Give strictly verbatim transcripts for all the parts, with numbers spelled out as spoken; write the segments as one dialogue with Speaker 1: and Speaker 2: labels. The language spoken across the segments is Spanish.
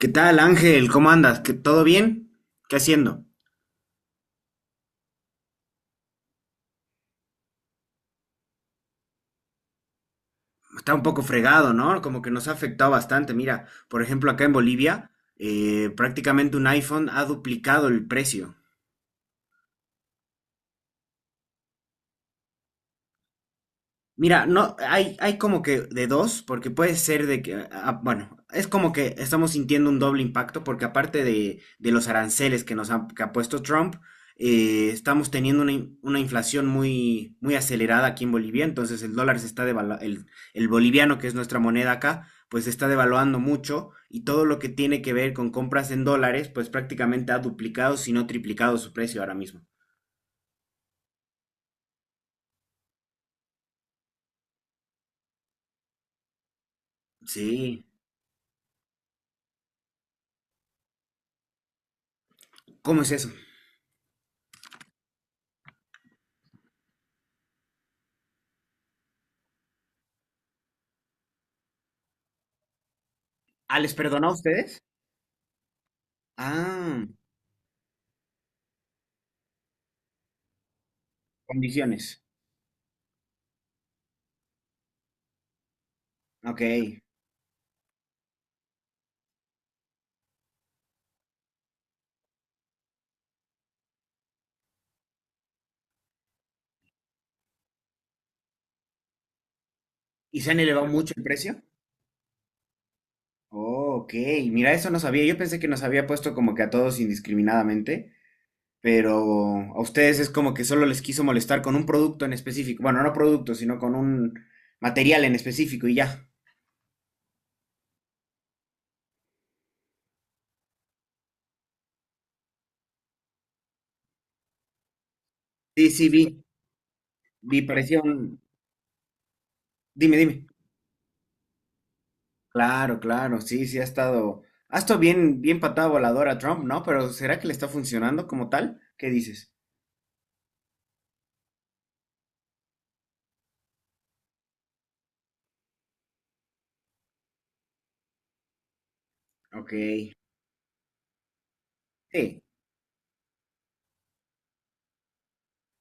Speaker 1: ¿Qué tal, Ángel? ¿Cómo andas? ¿Qué- ¿Todo bien? ¿Qué haciendo? Está un poco fregado, ¿no? Como que nos ha afectado bastante. Mira, por ejemplo, acá en Bolivia, eh, prácticamente un iPhone ha duplicado el precio. Mira, no, hay, hay como que de dos, porque puede ser de que, ah, bueno, es como que estamos sintiendo un doble impacto, porque aparte de, de los aranceles que nos ha, que ha puesto Trump, eh, estamos teniendo una, in- una inflación muy, muy acelerada aquí en Bolivia, entonces el dólar se está devaluando, el, el boliviano, que es nuestra moneda acá, pues se está devaluando mucho, y todo lo que tiene que ver con compras en dólares, pues prácticamente ha duplicado, si no triplicado su precio ahora mismo. Sí. ¿Cómo es eso? Ah, ¿les perdonó a ustedes? Ah. Condiciones. Ok. ¿Y se han elevado mucho el precio? Oh, ok. Mira, eso no sabía. Yo pensé que nos había puesto como que a todos indiscriminadamente, pero a ustedes es como que solo les quiso molestar con un producto en específico. Bueno, no producto, sino con un material en específico y ya. Sí, sí, vi. Vi, parecía un... Dime, dime. Claro, claro. Sí, sí, ha estado... Ha estado bien, bien patada voladora Trump, ¿no? Pero ¿será que le está funcionando como tal? ¿Qué dices? Ok. Sí.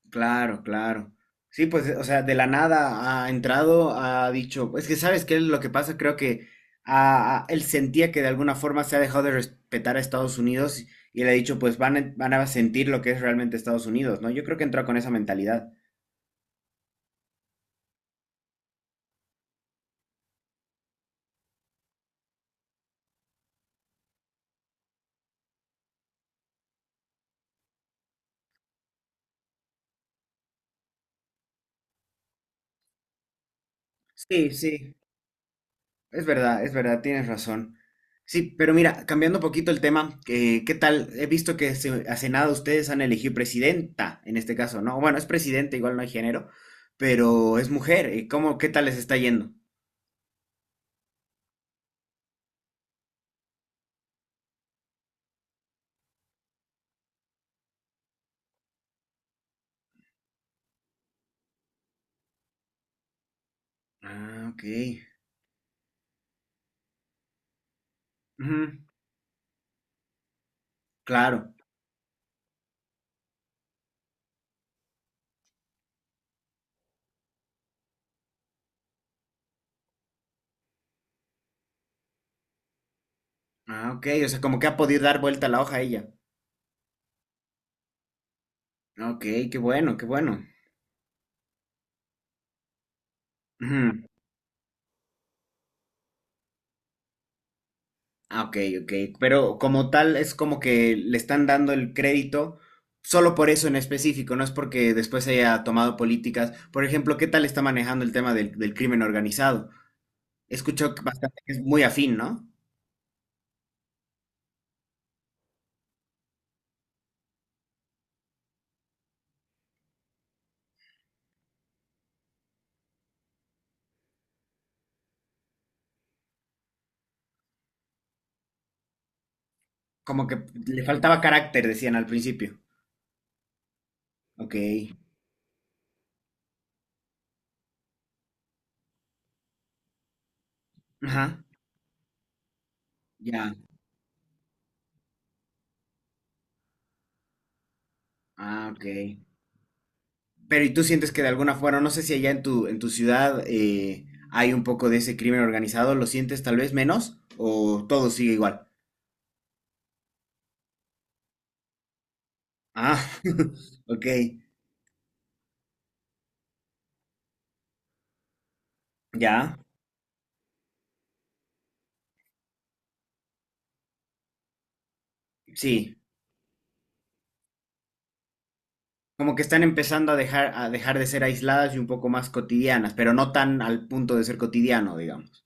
Speaker 1: Claro, claro. Sí, pues, o sea, de la nada ha entrado, ha dicho, es que sabes qué es lo que pasa, creo que ah, ah, él sentía que de alguna forma se ha dejado de respetar a Estados Unidos y, y le ha dicho, pues van a, van a sentir lo que es realmente Estados Unidos, ¿no? Yo creo que entró con esa mentalidad. Sí, sí. Es verdad, es verdad, tienes razón. Sí, pero mira, cambiando un poquito el tema, eh, ¿qué tal? He visto que se- hace nada ustedes han elegido presidenta, en este caso, ¿no? Bueno, es presidente, igual no hay género, pero es mujer. eh, ¿Cómo, qué tal les está yendo? Ah, ok. Ujú, claro. Ah, ok, o sea, como que ha podido dar vuelta la hoja ella. Ok, qué bueno, qué bueno. Ah, ok, ok. Pero como tal es como que le están dando el crédito solo por eso en específico, no es porque después haya tomado políticas. Por ejemplo, ¿qué tal está manejando el tema del, del crimen organizado? Escucho que bastante que es muy afín, ¿no? Como que le faltaba carácter, decían al principio. Ok. Ajá. Ya. Ah, ok. Pero ¿y tú sientes que de alguna forma, no sé si allá en tu, en tu ciudad eh, hay un poco de ese crimen organizado, ¿lo sientes tal vez menos o todo sigue igual? Ah, ok, ya, sí, como que están empezando a dejar, a dejar de ser aisladas y un poco más cotidianas, pero no tan al punto de ser cotidiano, digamos.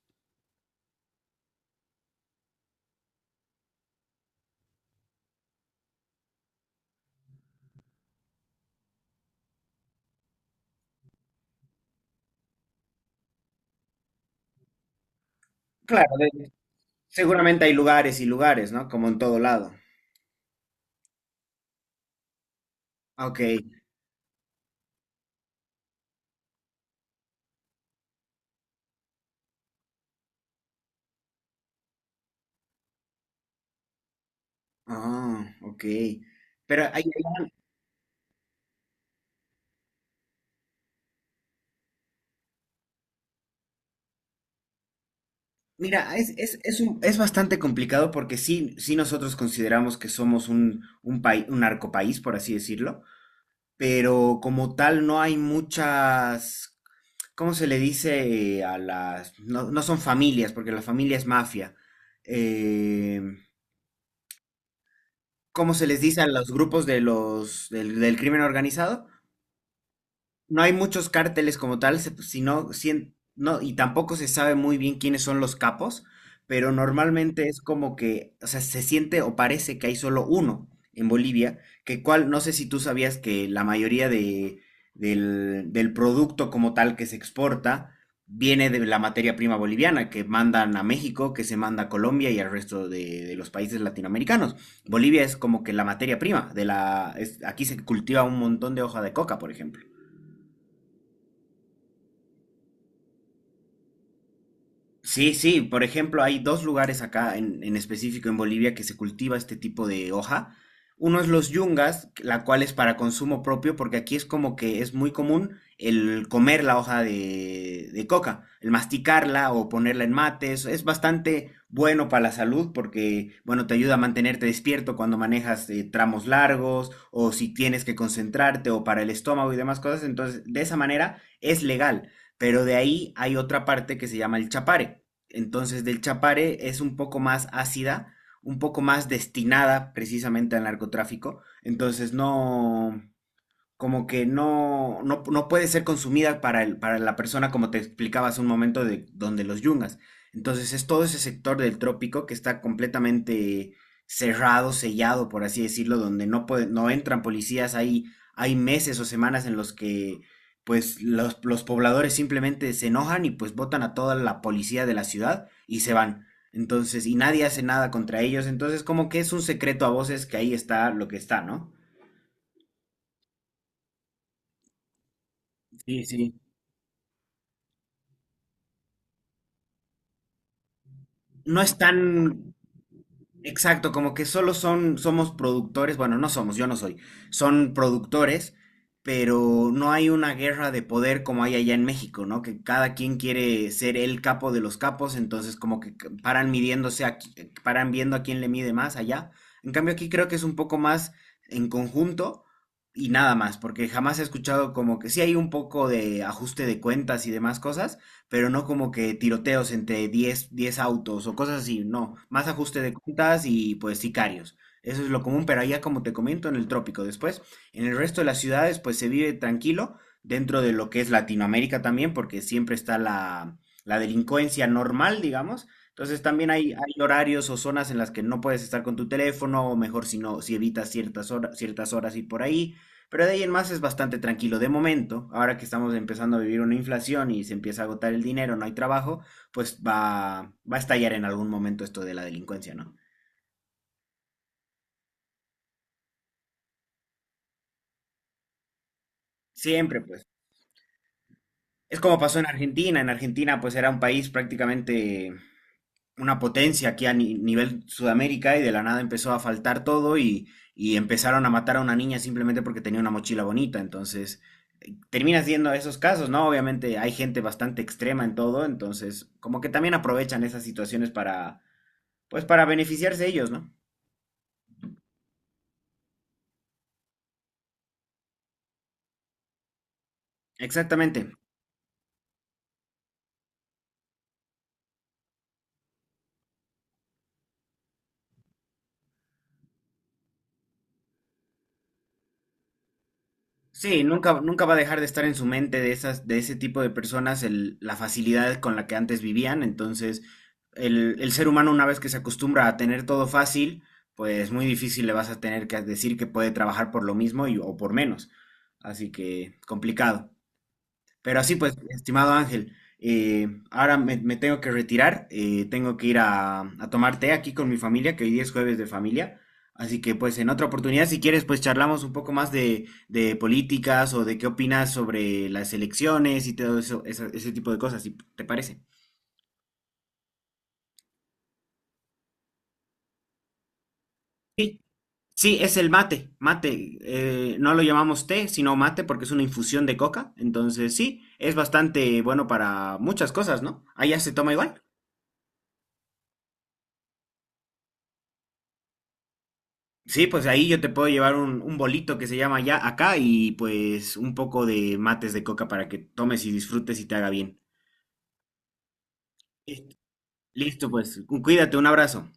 Speaker 1: Claro, de- seguramente hay lugares y lugares, ¿no? Como en todo lado. Ah, ok, ah, ok. Pero hay- mira, es, es, es, un- es bastante complicado porque sí, sí nosotros consideramos que somos un, un país, un narcopaís, por así decirlo, pero como tal no hay muchas. ¿Cómo se le dice eh, a las...? No, no son familias, porque la familia es mafia. Eh, ¿cómo se les dice a los grupos de los, del, del crimen organizado? No hay muchos cárteles como tal, se- sino, sien- no, y tampoco se sabe muy bien quiénes son los capos, pero normalmente es como que, o sea, se siente o parece que hay solo uno en Bolivia, que cual, no sé si tú sabías que la mayoría de, del, del producto como tal que se exporta viene de la materia prima boliviana, que mandan a México, que se manda a Colombia y al resto de, de los países latinoamericanos. Bolivia es como que la materia prima de la, es- aquí se cultiva un montón de hoja de coca, por ejemplo. Sí, sí, por ejemplo, hay dos lugares acá en, en específico en Bolivia que se cultiva este tipo de hoja. Uno es los yungas, la cual es para consumo propio, porque aquí es como que es muy común el comer la hoja de, de coca, el masticarla o ponerla en mates. Es bastante bueno para la salud porque, bueno, te ayuda a mantenerte despierto cuando manejas eh, tramos largos o si tienes que concentrarte o para el estómago y demás cosas. Entonces, de esa manera es legal. Pero de ahí hay otra parte que se llama el Chapare. Entonces, del Chapare es un poco más ácida, un poco más destinada precisamente al narcotráfico. Entonces, no, como que no, no, no puede ser consumida para, el, para la persona, como te explicaba hace un momento, de donde los yungas. Entonces es todo ese sector del trópico que está completamente cerrado, sellado, por así decirlo, donde no, puede- no entran policías. Hay, hay meses o semanas en los que pues los, los pobladores simplemente se enojan y pues botan a toda la policía de la ciudad y se van. Entonces, y nadie hace nada contra ellos. Entonces, como que es un secreto a voces que ahí está lo que está, ¿no? Sí, sí. No es tan exacto, como que solo son, somos productores, bueno, no somos, yo no soy, son productores, pero no hay una guerra de poder como hay allá en México, ¿no? Que cada quien quiere ser el capo de los capos, entonces como que c- paran midiéndose, a qui- paran viendo a quién le mide más allá. En cambio aquí creo que es un poco más en conjunto y nada más, porque jamás he escuchado como que sí hay un poco de ajuste de cuentas y demás cosas pero no como que tiroteos entre diez diez autos o cosas así, no, más ajuste de cuentas y pues sicarios. Eso es lo común, pero allá como te comento en el trópico después, en el resto de las ciudades pues se vive tranquilo dentro de lo que es Latinoamérica también, porque siempre está la, la delincuencia normal, digamos. Entonces también hay, hay horarios o zonas en las que no puedes estar con tu teléfono, o mejor si no, si evitas ciertas horas, ciertas horas y por ahí. Pero de ahí en más es bastante tranquilo. De momento, ahora que estamos empezando a vivir una inflación y se empieza a agotar el dinero, no hay trabajo, pues va, va a estallar en algún momento esto de la delincuencia, ¿no? Siempre, pues. Es como pasó en Argentina. En Argentina, pues era un país prácticamente una potencia aquí a ni- nivel Sudamérica y de la nada empezó a faltar todo y, y empezaron a matar a una niña simplemente porque tenía una mochila bonita. Entonces, eh, terminas viendo esos casos, ¿no? Obviamente hay gente bastante extrema en todo, entonces como que también aprovechan esas situaciones para, pues para beneficiarse ellos, ¿no? Exactamente. Sí, nunca, nunca va a dejar de estar en su mente de esas, de ese tipo de personas el- la facilidad con la que antes vivían. Entonces, el, el ser humano, una vez que se acostumbra a tener todo fácil, pues muy difícil le vas a tener que decir que puede trabajar por lo mismo y- o por menos. Así que complicado. Pero así pues, estimado Ángel, eh, ahora me, me tengo que retirar, eh, tengo que ir a, a tomar té aquí con mi familia, que hoy día es jueves de familia. Así que pues en otra oportunidad, si quieres, pues charlamos un poco más de, de políticas o de qué opinas sobre las elecciones y todo eso, esa- ese tipo de cosas, si te parece. Sí, sí, es el mate, mate. Eh, no lo llamamos té, sino mate porque es una infusión de coca. Entonces sí, es bastante bueno para muchas cosas, ¿no? Allá se toma igual. Sí, pues ahí yo te puedo llevar un, un bolito que se llama ya acá y pues un poco de mates de coca para que tomes y disfrutes y te haga bien. Listo, Listo, pues. Cuídate, un abrazo.